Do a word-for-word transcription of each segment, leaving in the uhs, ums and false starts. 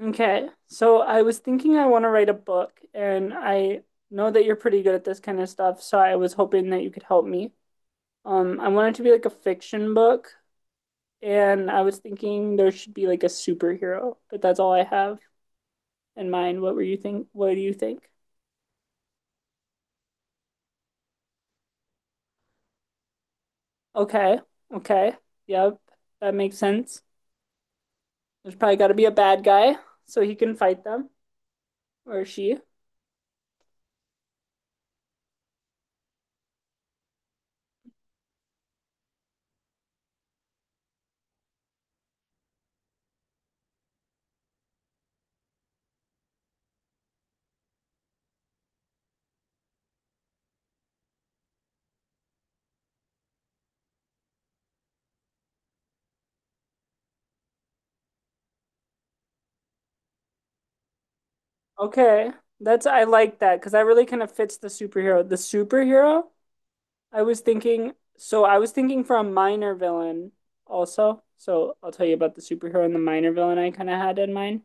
Okay, so I was thinking I want to write a book, and I know that you're pretty good at this kind of stuff, so I was hoping that you could help me. Um, I want it to be like a fiction book, and I was thinking there should be like a superhero, but that's all I have in mind. What were you think? What do you think? Okay, okay, yep, that makes sense. There's probably got to be a bad guy so he can fight them or she. Okay. That's I like that because that really kind of fits the superhero. The superhero, I was thinking, so I was thinking for a minor villain also. So I'll tell you about the superhero and the minor villain I kind of had in mind.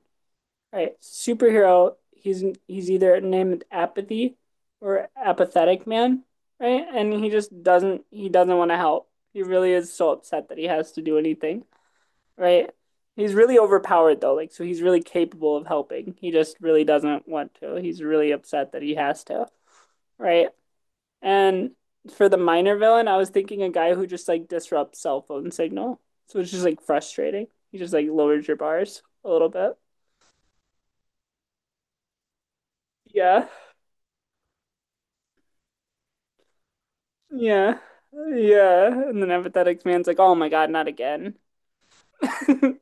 All right, superhero, he's he's either named Apathy or Apathetic Man, right? And he just doesn't he doesn't want to help. He really is so upset that he has to do anything, right? He's really overpowered though, like so he's really capable of helping. He just really doesn't want to. He's really upset that he has to, right? And for the minor villain, I was thinking a guy who just like disrupts cell phone signal. So it's just like frustrating. He just like lowers your bars a little bit. Yeah. Yeah. Yeah. And then Empathetic Man's like, oh my God, not again.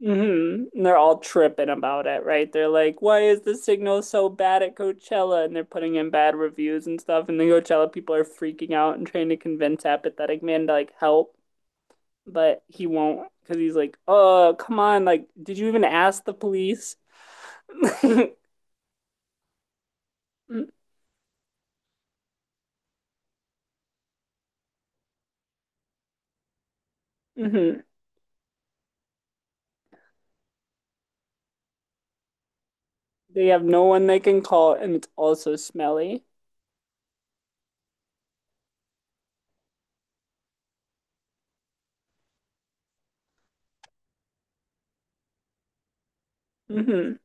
Mhm. And they're all tripping about it, right? They're like, why is the signal so bad at Coachella? And they're putting in bad reviews and stuff. And the Coachella people are freaking out and trying to convince Apathetic Man to like help, but he won't because he's like, oh, come on. Like, did you even ask the police? Hmm. They have no one they can call, and it's also smelly. Hmm.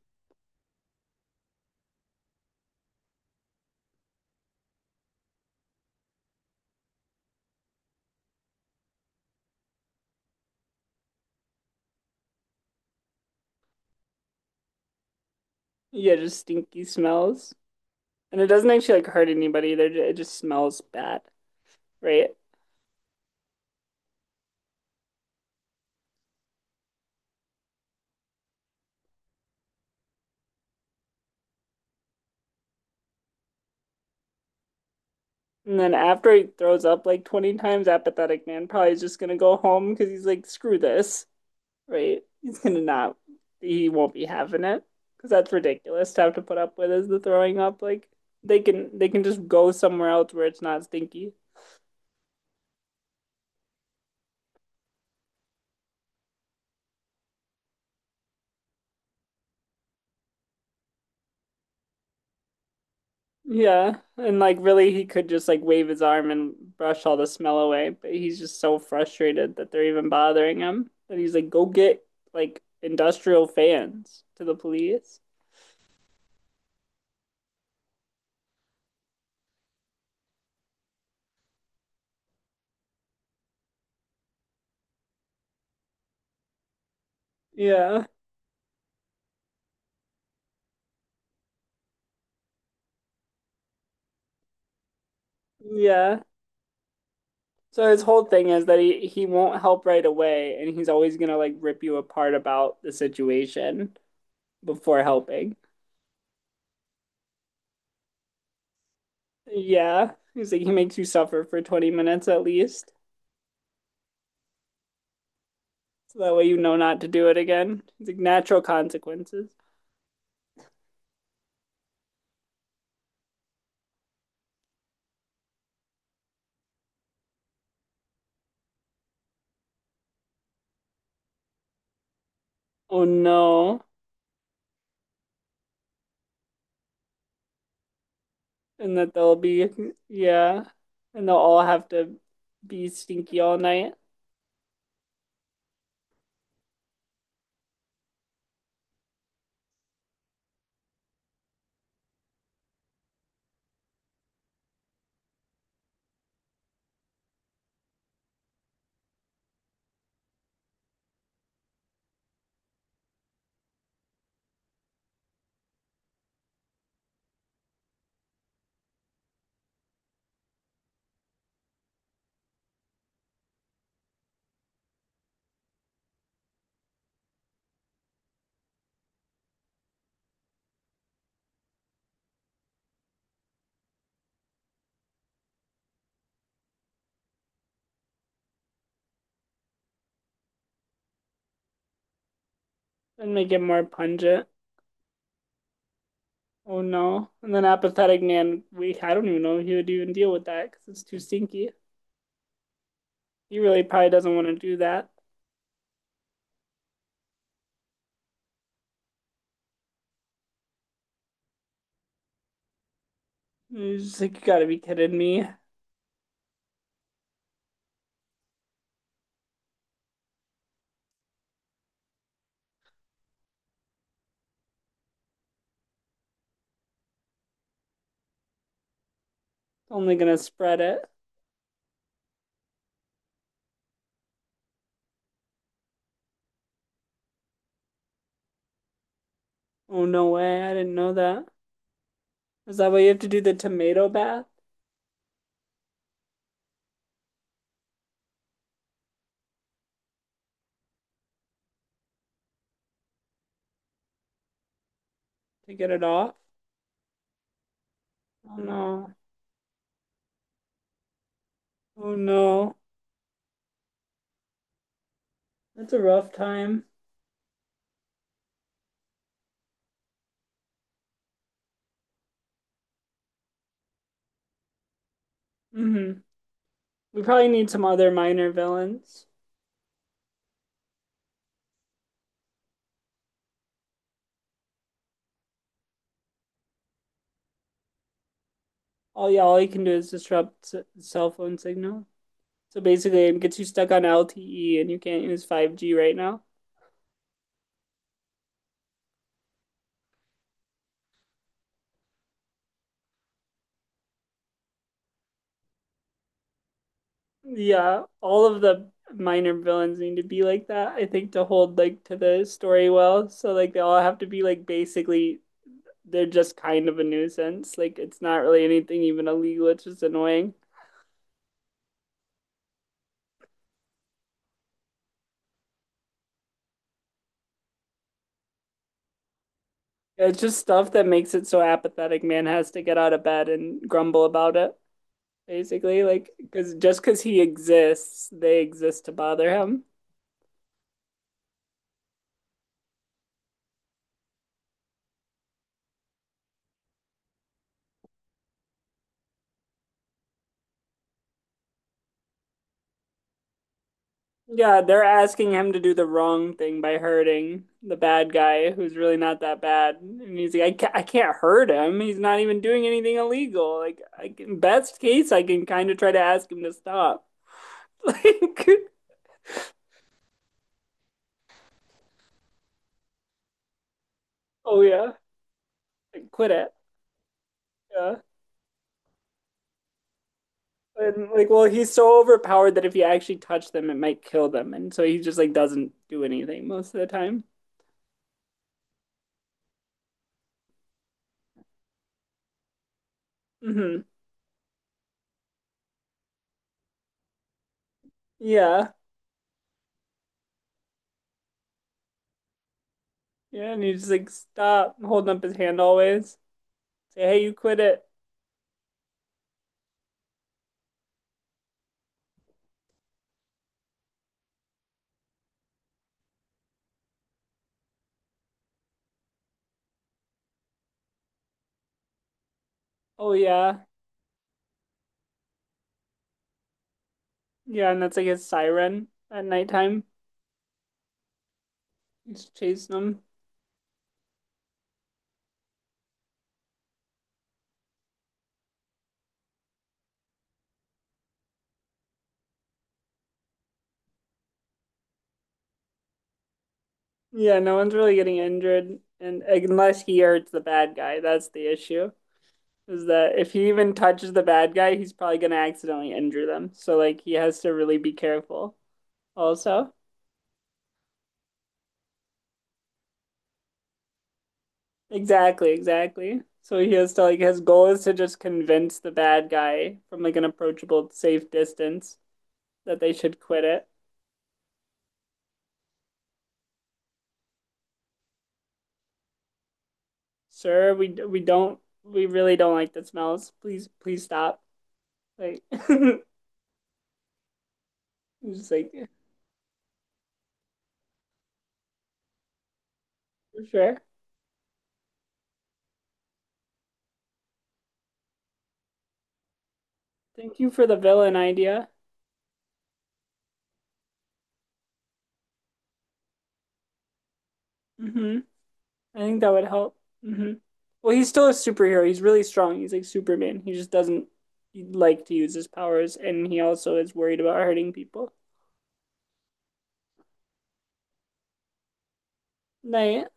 Yeah, just stinky smells. And it doesn't actually like hurt anybody. They it just smells bad, right? And then after he throws up like twenty times, Apathetic Man probably is just gonna go home because he's like, screw this, right? He's gonna not, he won't be having it because that's ridiculous to have to put up with is the throwing up. Like they can they can just go somewhere else where it's not stinky. Yeah, and like really, he could just like wave his arm and brush all the smell away, but he's just so frustrated that they're even bothering him that he's like, go get like industrial fans to the police. Yeah, yeah. So his whole thing is that he he won't help right away, and he's always gonna like rip you apart about the situation before helping. Yeah, he's like he makes you suffer for twenty minutes at least, so that way you know not to do it again. It's like natural consequences. Oh no, and that they'll be, yeah, and they'll all have to be stinky all night and make it more pungent. Oh no. And then Apathetic Man, we I don't even know if he would even deal with that because it's too stinky. He really probably doesn't want to do that. He's just like, you gotta be kidding me. Only gonna spread it. Oh no way, I didn't know that. Is that why you have to do the tomato bath to get it off? Oh no. Oh no. That's a rough time. Hmm. We probably need some other minor villains. All yeah, all he can do is disrupt s cell phone signal. So basically, it gets you stuck on L T E and you can't use five G right now. Yeah, all of the minor villains need to be like that, I think, to hold like to the story well. So like they all have to be like basically they're just kind of a nuisance. Like it's not really anything even illegal, it's just annoying. It's just stuff that makes it so apathetic. Man has to get out of bed and grumble about it, basically. Like because just because he exists, they exist to bother him. Yeah, they're asking him to do the wrong thing by hurting the bad guy who's really not that bad. And he's like, I can't, I can't hurt him. He's not even doing anything illegal. Like, I can, best case, I can kind of try to ask him to stop. Like, oh yeah, like, quit it. Yeah. And like, well, he's so overpowered that if he actually touched them, it might kill them. And so he just like doesn't do anything most of the time. Hmm. Yeah. Yeah. And he's just like, stop holding up his hand always. Say, hey, you quit it. Oh yeah. Yeah, and that's like a siren at nighttime. It's chasing them. Yeah, no one's really getting injured, and like, unless he hurts the bad guy, that's the issue. Is that if he even touches the bad guy, he's probably gonna accidentally injure them. So like he has to really be careful. Also, exactly, exactly. So he has to like his goal is to just convince the bad guy from like an approachable, safe distance that they should quit it. Sir, we we don't we really don't like the smells. Please, please stop. Like, I'm just like, for sure. Thank you for the villain idea. Hmm. I think that would help. Hmm. Well, he's still a superhero. He's really strong. He's like Superman. He just doesn't like to use his powers, and he also is worried about hurting people. Like,